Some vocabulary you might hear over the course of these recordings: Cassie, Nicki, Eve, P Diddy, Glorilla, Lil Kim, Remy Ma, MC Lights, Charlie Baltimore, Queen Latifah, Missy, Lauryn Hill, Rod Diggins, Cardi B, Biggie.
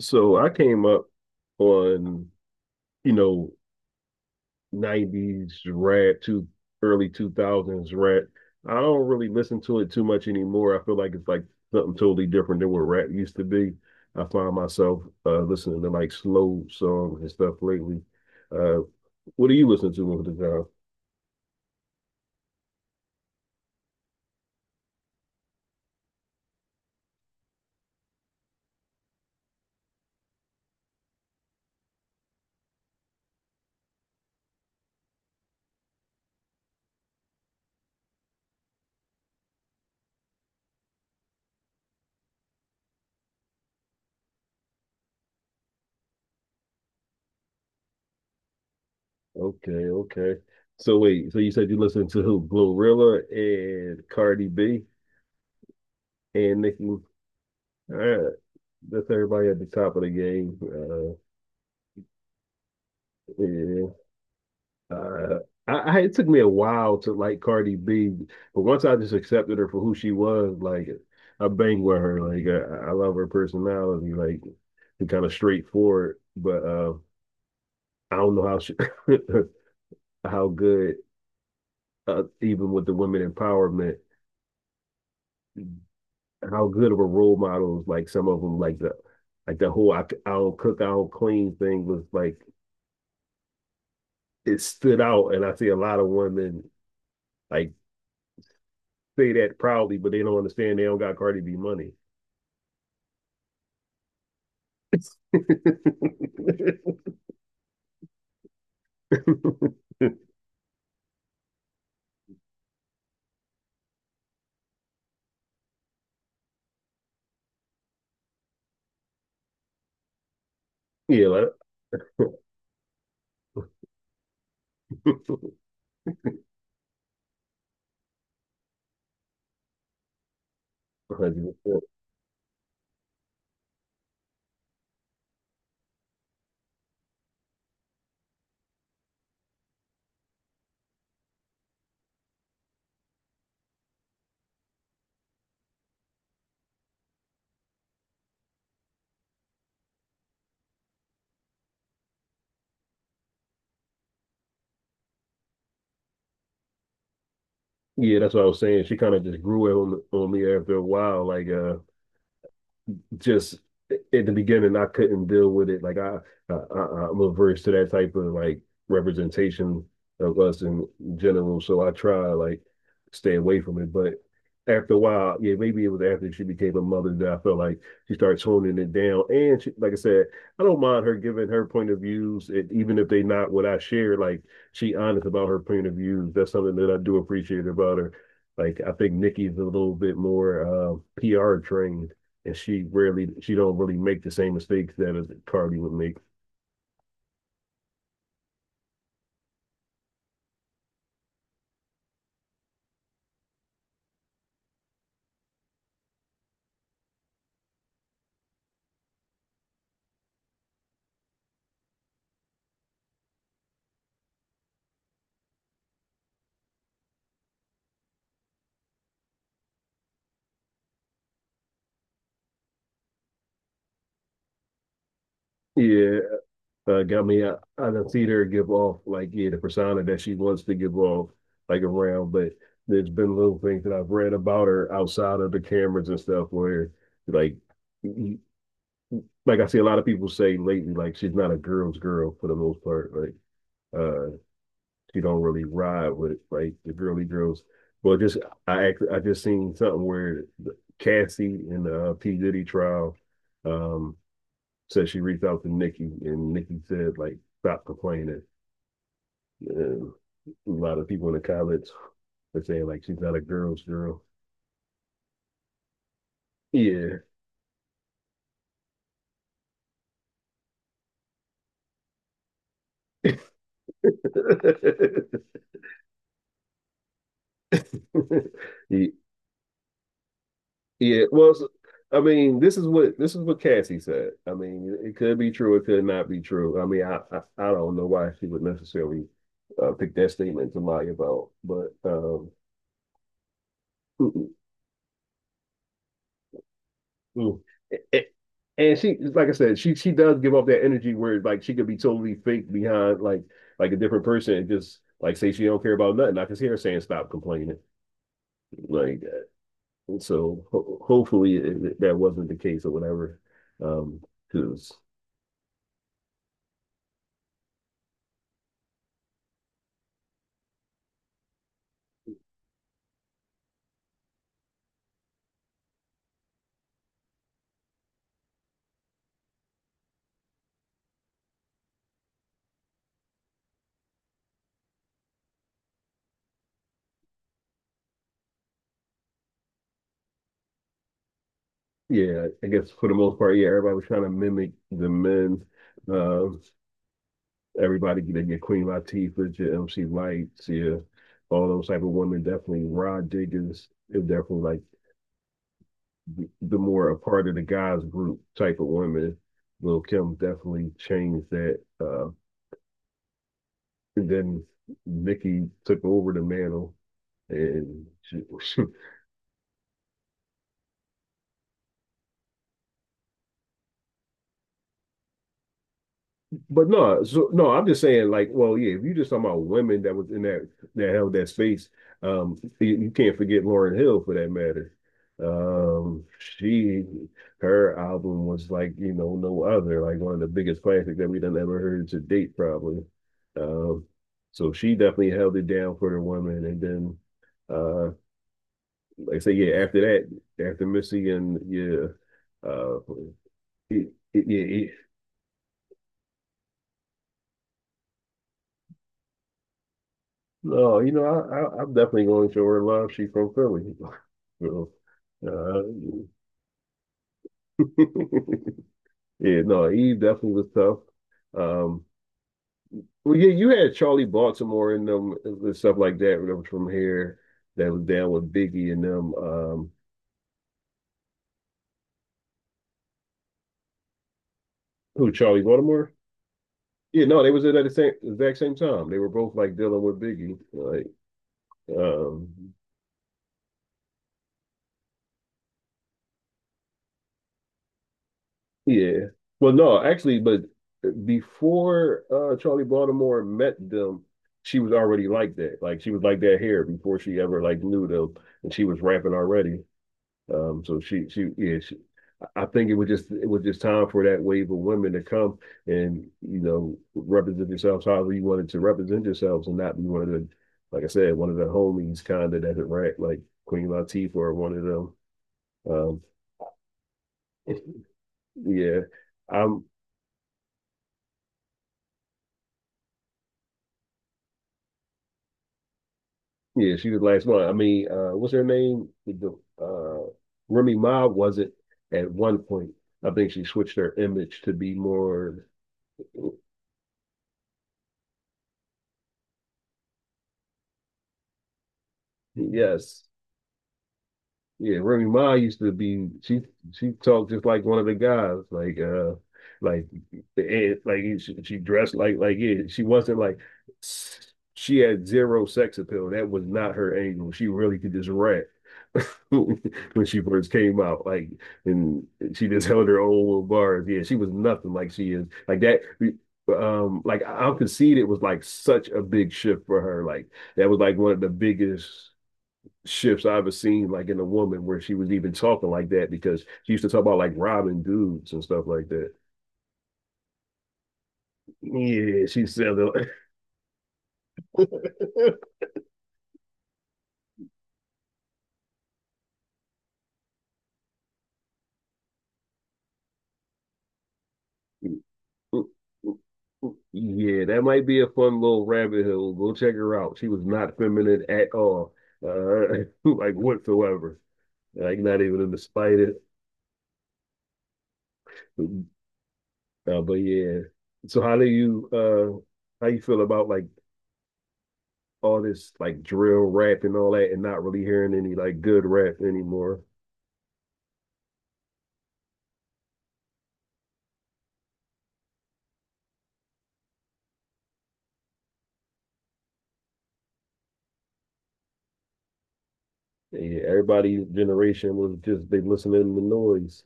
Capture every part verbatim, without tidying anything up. So I came up on, you know, nineties rap to early two thousands rap. I don't really listen to it too much anymore. I feel like it's like something totally different than what rap used to be. I find myself uh, listening to like slow songs and stuff lately. Uh, what do you listen to over the time? Okay, okay. So wait, so you said you listen to who? Glorilla and Cardi B and Nicki. All right, that's everybody at the top of the game. Uh, Yeah. Uh, I, I it took me a while to like Cardi B, but once I just accepted her for who she was, like I bang with her. Like I, I love her personality, like and kind of straightforward. But uh, I don't know how she, how good uh, even with the women empowerment, how good of a role models like some of them like the like the whole I, c- I don't cook I don't clean thing was like it stood out, and I see a lot of women like say that proudly, but they don't understand they don't got Cardi B money. Yeah, like, yeah, that's what I was saying. She kind of just grew it on, on me after a while. Like, uh, just at the beginning I couldn't deal with it. Like I, I, I am averse to that type of like representation of us in general. So I try like stay away from it. But after a while, yeah, maybe it was after she became a mother that I felt like she started toning it down. And she, like I said, I don't mind her giving her point of views, and even if they not what I share. Like she honest about her point of views. That's something that I do appreciate about her. Like I think Nikki's a little bit more uh, P R trained, and she rarely she don't really make the same mistakes that a Cardi would make. Yeah, uh, got me. I, I done seen her give off like yeah the persona that she wants to give off like around, but there's been little things that I've read about her outside of the cameras and stuff where like like I see a lot of people say lately like she's not a girl's girl for the most part, like uh she don't really ride with like the girly girls. But just I act, I just seen something where Cassie in the uh, P Diddy trial, um, said she reached out to Nikki, and Nikki said like stop complaining. And a lot of people in the comments are saying like she's not a girl's girl. Yeah. Yeah, yeah, well, so- I mean, this is what this is what Cassie said. I mean, it could be true, it could not be true. I mean, I I, I don't know why she would necessarily uh, pick that statement to lie about, but um, mm-mm, mm. A- and she, like I said, she she does give off that energy where like she could be totally fake behind like like a different person and just like say she don't care about nothing. I can hear her saying stop complaining like that. So ho hopefully it, that wasn't the case or whatever. Um, because Yeah, I guess for the most part, yeah, everybody was trying to mimic the men. Um, Everybody they get Queen Latifah, your M C Lights, yeah, all those type of women. Definitely Rod Diggins is definitely like the, the more a part of the guys group type of women. Lil Kim definitely changed that. Uh, and then Nicki took over the mantle, and she. But no, so no, I'm just saying, like, well, yeah, if you're just talking about women that was in that that held that space, um, you, you can't forget Lauryn Hill for that matter. Um, she Her album was like, you know, no other, like one of the biggest classics that we done ever heard to date, probably. Um, so she definitely held it down for the women. And then, uh, like I say, yeah, after that, after Missy, and yeah, uh, yeah, yeah, no, you know, I, I, I'm definitely going to show her love. She's from Philly. So, uh, yeah, no, Eve definitely was tough. Um, well, yeah, you had Charlie Baltimore in them and stuff like that. Remember from here that was down with Biggie and them. Um, who, Charlie Baltimore? Yeah, no, they was in at the same exact same time. They were both like dealing with Biggie. Like, um, yeah. Well, no, actually, but before uh Charlie Baltimore met them, she was already like that. Like she was like that hair before she ever like knew them, and she was rapping already. Um, so she she yeah, she, I think it was just it was just time for that wave of women to come and you know represent yourselves however you wanted to represent yourselves and not be one of the, like I said, one of the homies kind of that had rap, like Queen Latifah or one of them. Um, yeah, I'm Yeah, she was the last one. I mean, uh, what's her name? The uh, Remy Ma was it at one point. I think she switched her image to be more. Yes, yeah, Remy Ma used to be she she talked just like one of the guys, like uh like and like she, she dressed like like yeah, she wasn't like she had zero sex appeal. That was not her angle. She really could just rap when she first came out. Like and she just held her own little bars. Yeah, she was nothing like she is. Like that um like I'll concede it was like such a big shift for her. Like that was like one of the biggest shifts I've ever seen, like in a woman, where she was even talking like that because she used to talk about like robbing dudes and stuff like that. Yeah, she sounded like. Yeah, that might be a fun little rabbit hole. Go check her out. She was not feminine at all, uh, like whatsoever. Like not even in the slightest. Uh, but yeah. So how do you uh how you feel about like all this like drill rap and all that, and not really hearing any like good rap anymore? Yeah, everybody's generation was just they listening to noise.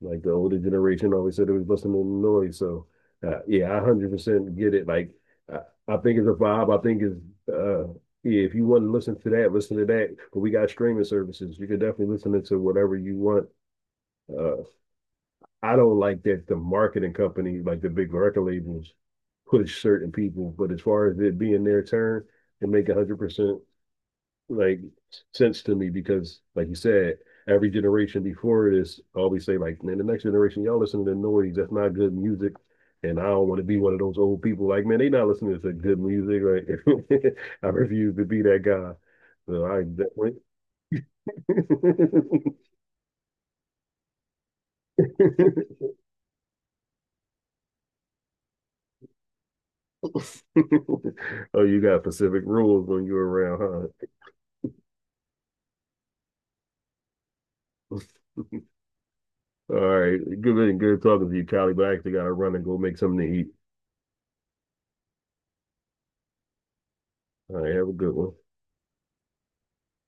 Like the older generation always said it was listening to noise. So uh, yeah, I hundred percent get it. Like I, I think it's a vibe. I think it's uh yeah, if you want to listen to that, listen to that. But we got streaming services. You can definitely listen to whatever you want. Uh I don't like that the marketing company, like the big record labels, push certain people. But as far as it being their turn and make hundred percent like sense to me, because like you said, every generation before this always say like, man, the next generation y'all listen to the noise. That's not good music. And I don't want to be one of those old people like, man, they not listening to good music. Like, I refuse to be that guy. So I definitely. Oh, you got Pacific rules when you're around, huh? All right, good, good talking to you, Callie. But I actually got to run and go make something to eat. All right, have a good one.